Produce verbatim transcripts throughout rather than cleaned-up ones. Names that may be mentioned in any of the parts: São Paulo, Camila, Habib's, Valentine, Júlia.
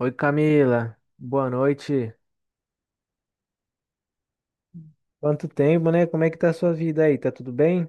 Oi Camila, boa noite. Quanto tempo, né? Como é que tá a sua vida aí? Tá tudo bem?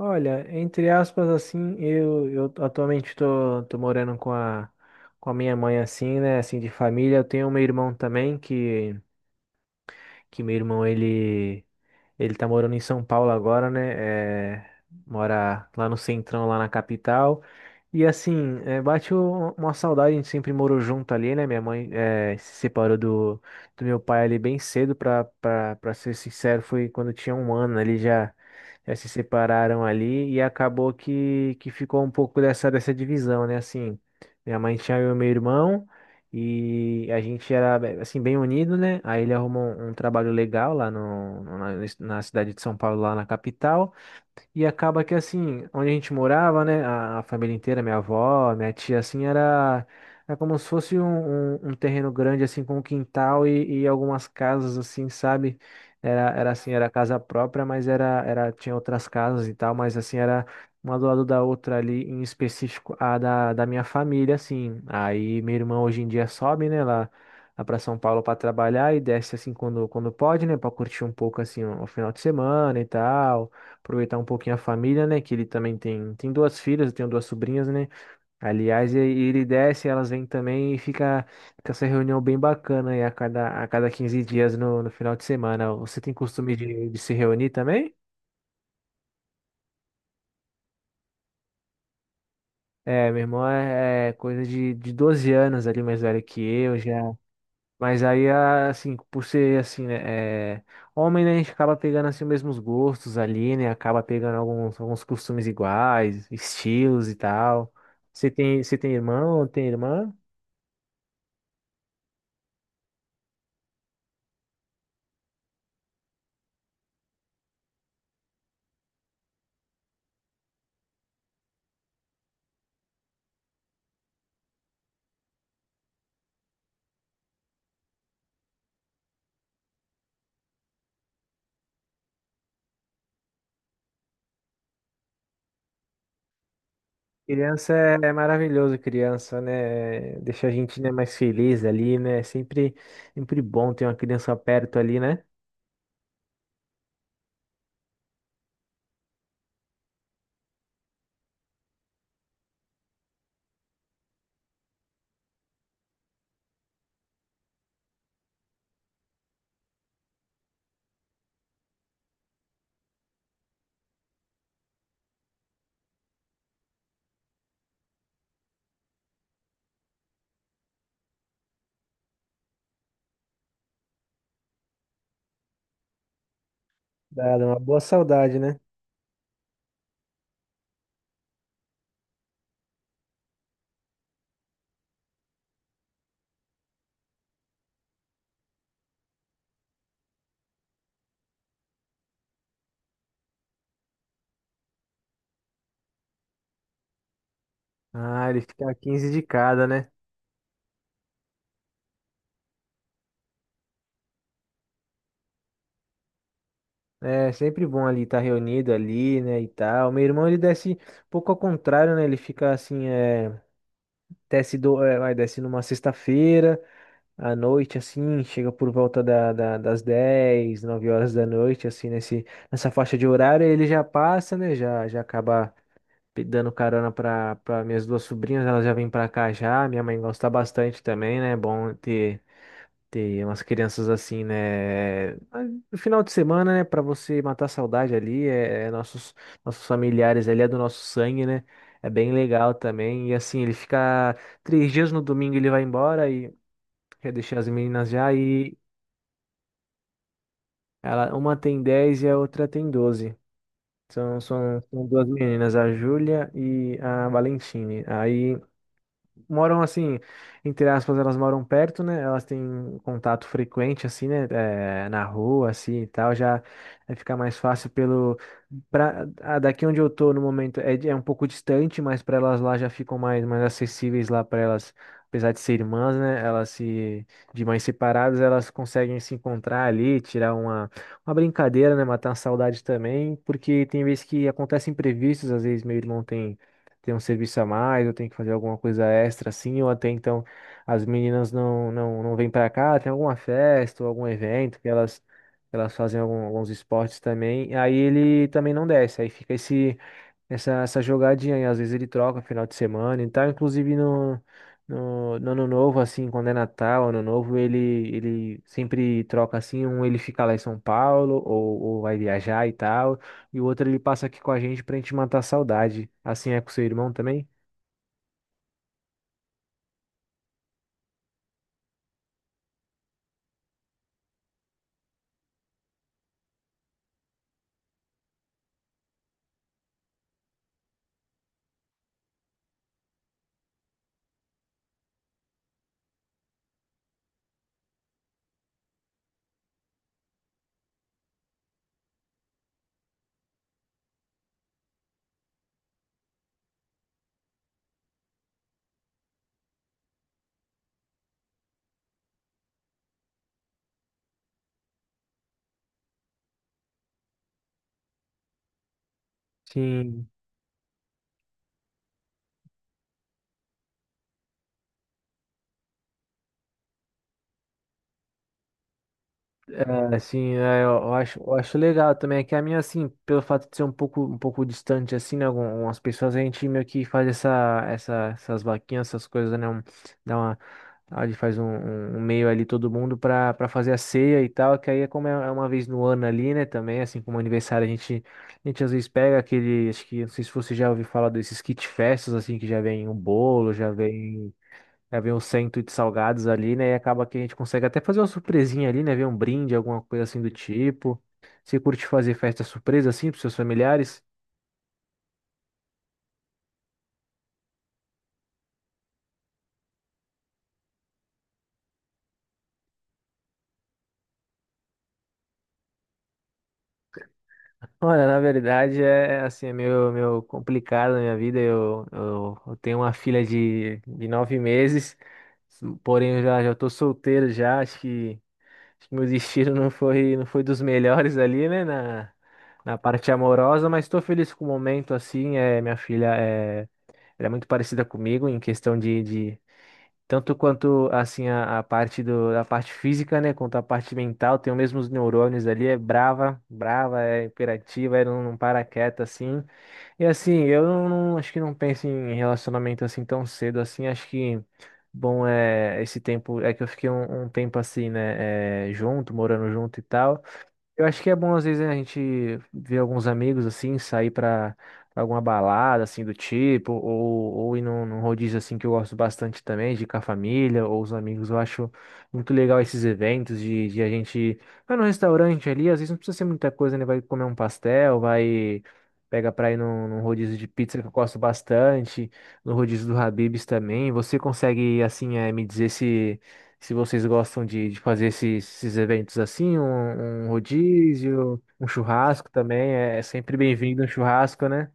Olha, entre aspas, assim, eu, eu atualmente tô, tô morando com a, com a minha mãe, assim, né? Assim, de família. Eu tenho um meu irmão também, que, que meu irmão, ele, Ele tá morando em São Paulo agora, né? É, mora lá no centrão, lá na capital. E assim, é, bate um- uma saudade, a gente sempre morou junto ali, né? Minha mãe é, se separou do, do meu pai ali bem cedo, pra, pra, pra ser sincero, foi quando eu tinha um ano ali já, já se separaram ali e acabou que, que ficou um pouco dessa, dessa divisão, né? Assim, minha mãe tinha eu e meu irmão. E a gente era, be- assim, bem unido, né? Aí ele arrumou um, um trabalho legal lá no, no- na, na cidade de São Paulo, lá na capital. E acaba que assim, onde a gente morava, né, a, a família inteira, minha avó, minha tia, assim, era, era como se fosse um, um, um terreno grande, assim, com um quintal e, e algumas casas, assim, sabe? Era, era assim, era casa própria, mas era, era, tinha outras casas e tal, mas assim, era uma do lado da outra ali, em específico a da, da minha família, assim. Aí minha irmã hoje em dia sobe, né, lá, lá para São Paulo para trabalhar e desce, assim, quando, quando pode, né, para curtir um pouco, assim, o o final de semana e tal, aproveitar um pouquinho a família, né? Que ele também tem, tem duas filhas, eu tenho duas sobrinhas, né? Aliás, e, e ele desce, elas vêm também e fica, fica essa reunião bem bacana aí a cada, a cada quinze dias no, no final de semana. Você tem costume de, de se reunir também? É, meu irmão é, é coisa de, de doze anos ali mais velho que eu, já. Mas aí, a- assim, por ser assim, né, é, homem, né, a gente acaba pegando assim os mesmos gostos ali, né? Acaba pegando alguns, alguns costumes iguais, estilos e tal. Você tem, você tem irmão ou tem irmã? Criança é, é maravilhoso, criança, né? Deixa a gente, né, mais feliz ali, né? É Sempre, sempre bom ter uma criança perto ali, né? Dá dá uma boa saudade, né? Ah, ele fica quinze de cada, né? É sempre bom ali estar reunido ali, né, e tal. Meu irmão, ele desce um pouco ao contrário, né? Ele fica assim, é, desce, do, é, vai, desce numa sexta-feira à noite, assim, chega por volta da, da- das dez nove horas da noite, assim, nesse, nessa faixa de horário, aí ele já passa, né, já, já acaba pe- dando carona para minhas duas sobrinhas, elas já vêm para cá já, minha mãe gosta bastante também, né, é bom ter tem umas crianças assim, né? Mas no final de semana, né, pra você matar a saudade ali, é, é nossos, nossos familiares ali, é do nosso sangue, né? É bem legal também. E assim, ele fica três dias, no domingo, ele vai embora e quer deixar as meninas já. E ela, uma tem dez e a outra tem doze. São, são, são duas meninas, a Júlia e a Valentine. Aí, moram assim, entre aspas, elas moram perto, né? Elas têm contato frequente, assim, né? É, na rua, assim e tal. Já é, fica mais fácil pelo. Pra, ah, daqui onde eu tô no momento é, de- é um pouco distante, mas para elas lá já ficam mais, mais acessíveis lá para elas. Apesar de ser irmãs, né? Elas se. De mães separadas, elas conseguem se encontrar ali, tirar uma, uma brincadeira, né? Matar a saudade também, porque tem vezes que acontecem imprevistos, às vezes meu irmão tem tem um serviço a mais, eu tenho que fazer alguma coisa extra assim, ou até então as meninas não, não, não vêm para cá, tem alguma festa ou algum evento que elas, elas fazem algum- alguns esportes também, aí ele também não desce, aí fica esse, essa, essa jogadinha, e às vezes ele troca final de semana e tal, inclusive no. No, no ano novo, assim, quando é Natal, ano novo, ele, ele sempre troca assim, um ele fica lá em São Paulo, ou, ou vai viajar e tal. E o outro ele passa aqui com a gente pra gente matar a saudade. Assim é com seu irmão também? Sim, é, sim, é, eu eu acho, eu acho legal também, é que a minha, assim, pelo fato de ser um pouco, um pouco distante, assim, né, algum- algumas pessoas, a gente meio que faz essa, essa, essas vaquinhas, essas coisas, né, um, dá uma, a gente faz um, um- um meio ali todo mundo pra, pra fazer a ceia e tal, que aí é como é é uma vez no ano ali, né, também, assim, como aniversário, a gente, a gente às vezes pega aquele, acho que, não sei se você já ouviu falar desses kit festas, assim, que já vem o bolo, já vem É, vem um cento de salgados ali, né? E acaba que a gente consegue até fazer uma surpresinha ali, né? Ver um brinde, alguma coisa assim do tipo. Você curte fazer festa surpresa assim pros seus familiares? Olha, na verdade é assim, é meio, meio complicado na minha vida. Eu, eu, eu tenho uma filha de, de nove meses, porém eu já, já tô solteiro já. Acho que, acho que meu destino não foi, não foi dos melhores ali, né? Na, na parte amorosa, mas tô feliz com o momento assim. É, minha filha é. Ela é muito parecida comigo em questão de, de tanto quanto assim a, a parte do, a parte física, né, quanto a parte mental, tem os mesmos neurônios ali, é brava, brava, é imperativa, é não, não para quieta assim. E assim, eu não, não- acho que não penso em relacionamento assim tão cedo assim, acho que bom é esse tempo é que eu fiquei um, um tempo assim, né, é, junto, morando junto e tal. Eu acho que é bom, às vezes, né, a gente ver alguns amigos, assim, sair pra pra alguma balada, assim, do tipo, ou, ou ir num, num rodízio, assim, que eu gosto bastante também, de ir com a família ou os amigos. Eu acho muito legal esses eventos de, de a gente vai num restaurante ali, às vezes não precisa ser muita coisa, né? Vai comer um pastel, vai... Pega pra ir num, num rodízio de pizza que eu gosto bastante, no rodízio do Habib's também. Você consegue, assim, eh, me dizer se... Se vocês gostam de, de fazer esses, esses eventos assim, um, um rodízio, um churrasco também, é é sempre bem-vindo um churrasco, né?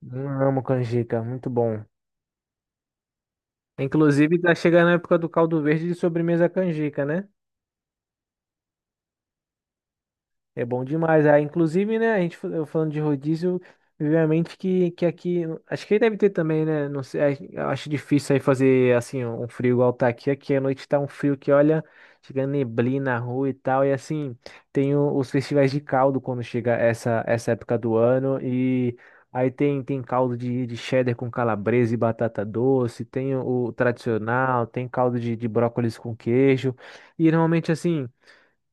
Hum, Amo canjica, muito bom. Inclusive, tá chegando a época do caldo verde de sobremesa canjica, né? É bom demais. Ah, inclusive, né, a gente fa- eu falando de rodízio, me veio à mente que, que aqui, acho que aí deve ter também, né, não sei, ai- eu acho difícil aí fazer, assim, um frio igual tá aqui, aqui à noite tá um frio que, olha, chega neblina na rua e tal, e assim, tem o- os festivais de caldo quando chega essa, essa época do ano, e aí tem, tem caldo de, de cheddar com calabresa e batata doce, tem o, o tradicional, tem caldo de, de brócolis com queijo, e normalmente, assim...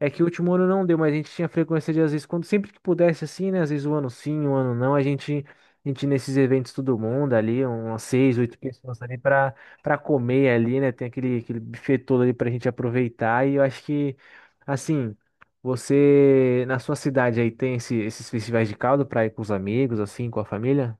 É que o último ano não deu, mas a gente tinha frequência de, às vezes, quando sempre que pudesse, assim, né? Às vezes um ano sim, um ano não, a gente, a gente ia nesses eventos todo mundo ali, umas seis, oito pessoas ali pra, pra comer ali, né? Tem aquele, aquele buffet todo ali pra gente aproveitar. E eu acho que, assim, você, na sua cidade aí, tem esse- esses festivais de caldo pra ir com os amigos, assim, com a família?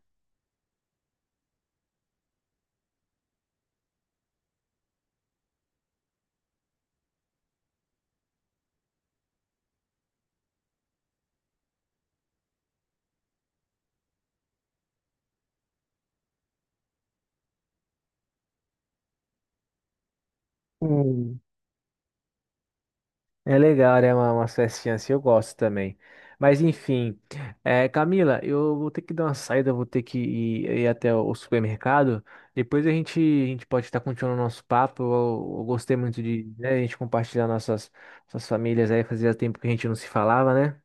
É legal, né? Uma, umas festinhas assim, eu gosto também. Mas enfim, é, Camila, eu vou ter que dar uma saída, eu vou ter que ir, ir até o supermercado. Depois a gente, a gente pode estar continuando o nosso papo. Eu, eu gostei muito de, né, a gente compartilhar nossas, nossas famílias aí, fazia tempo que a gente não se falava, né?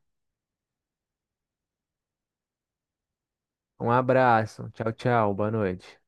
Um abraço, tchau, tchau, boa noite.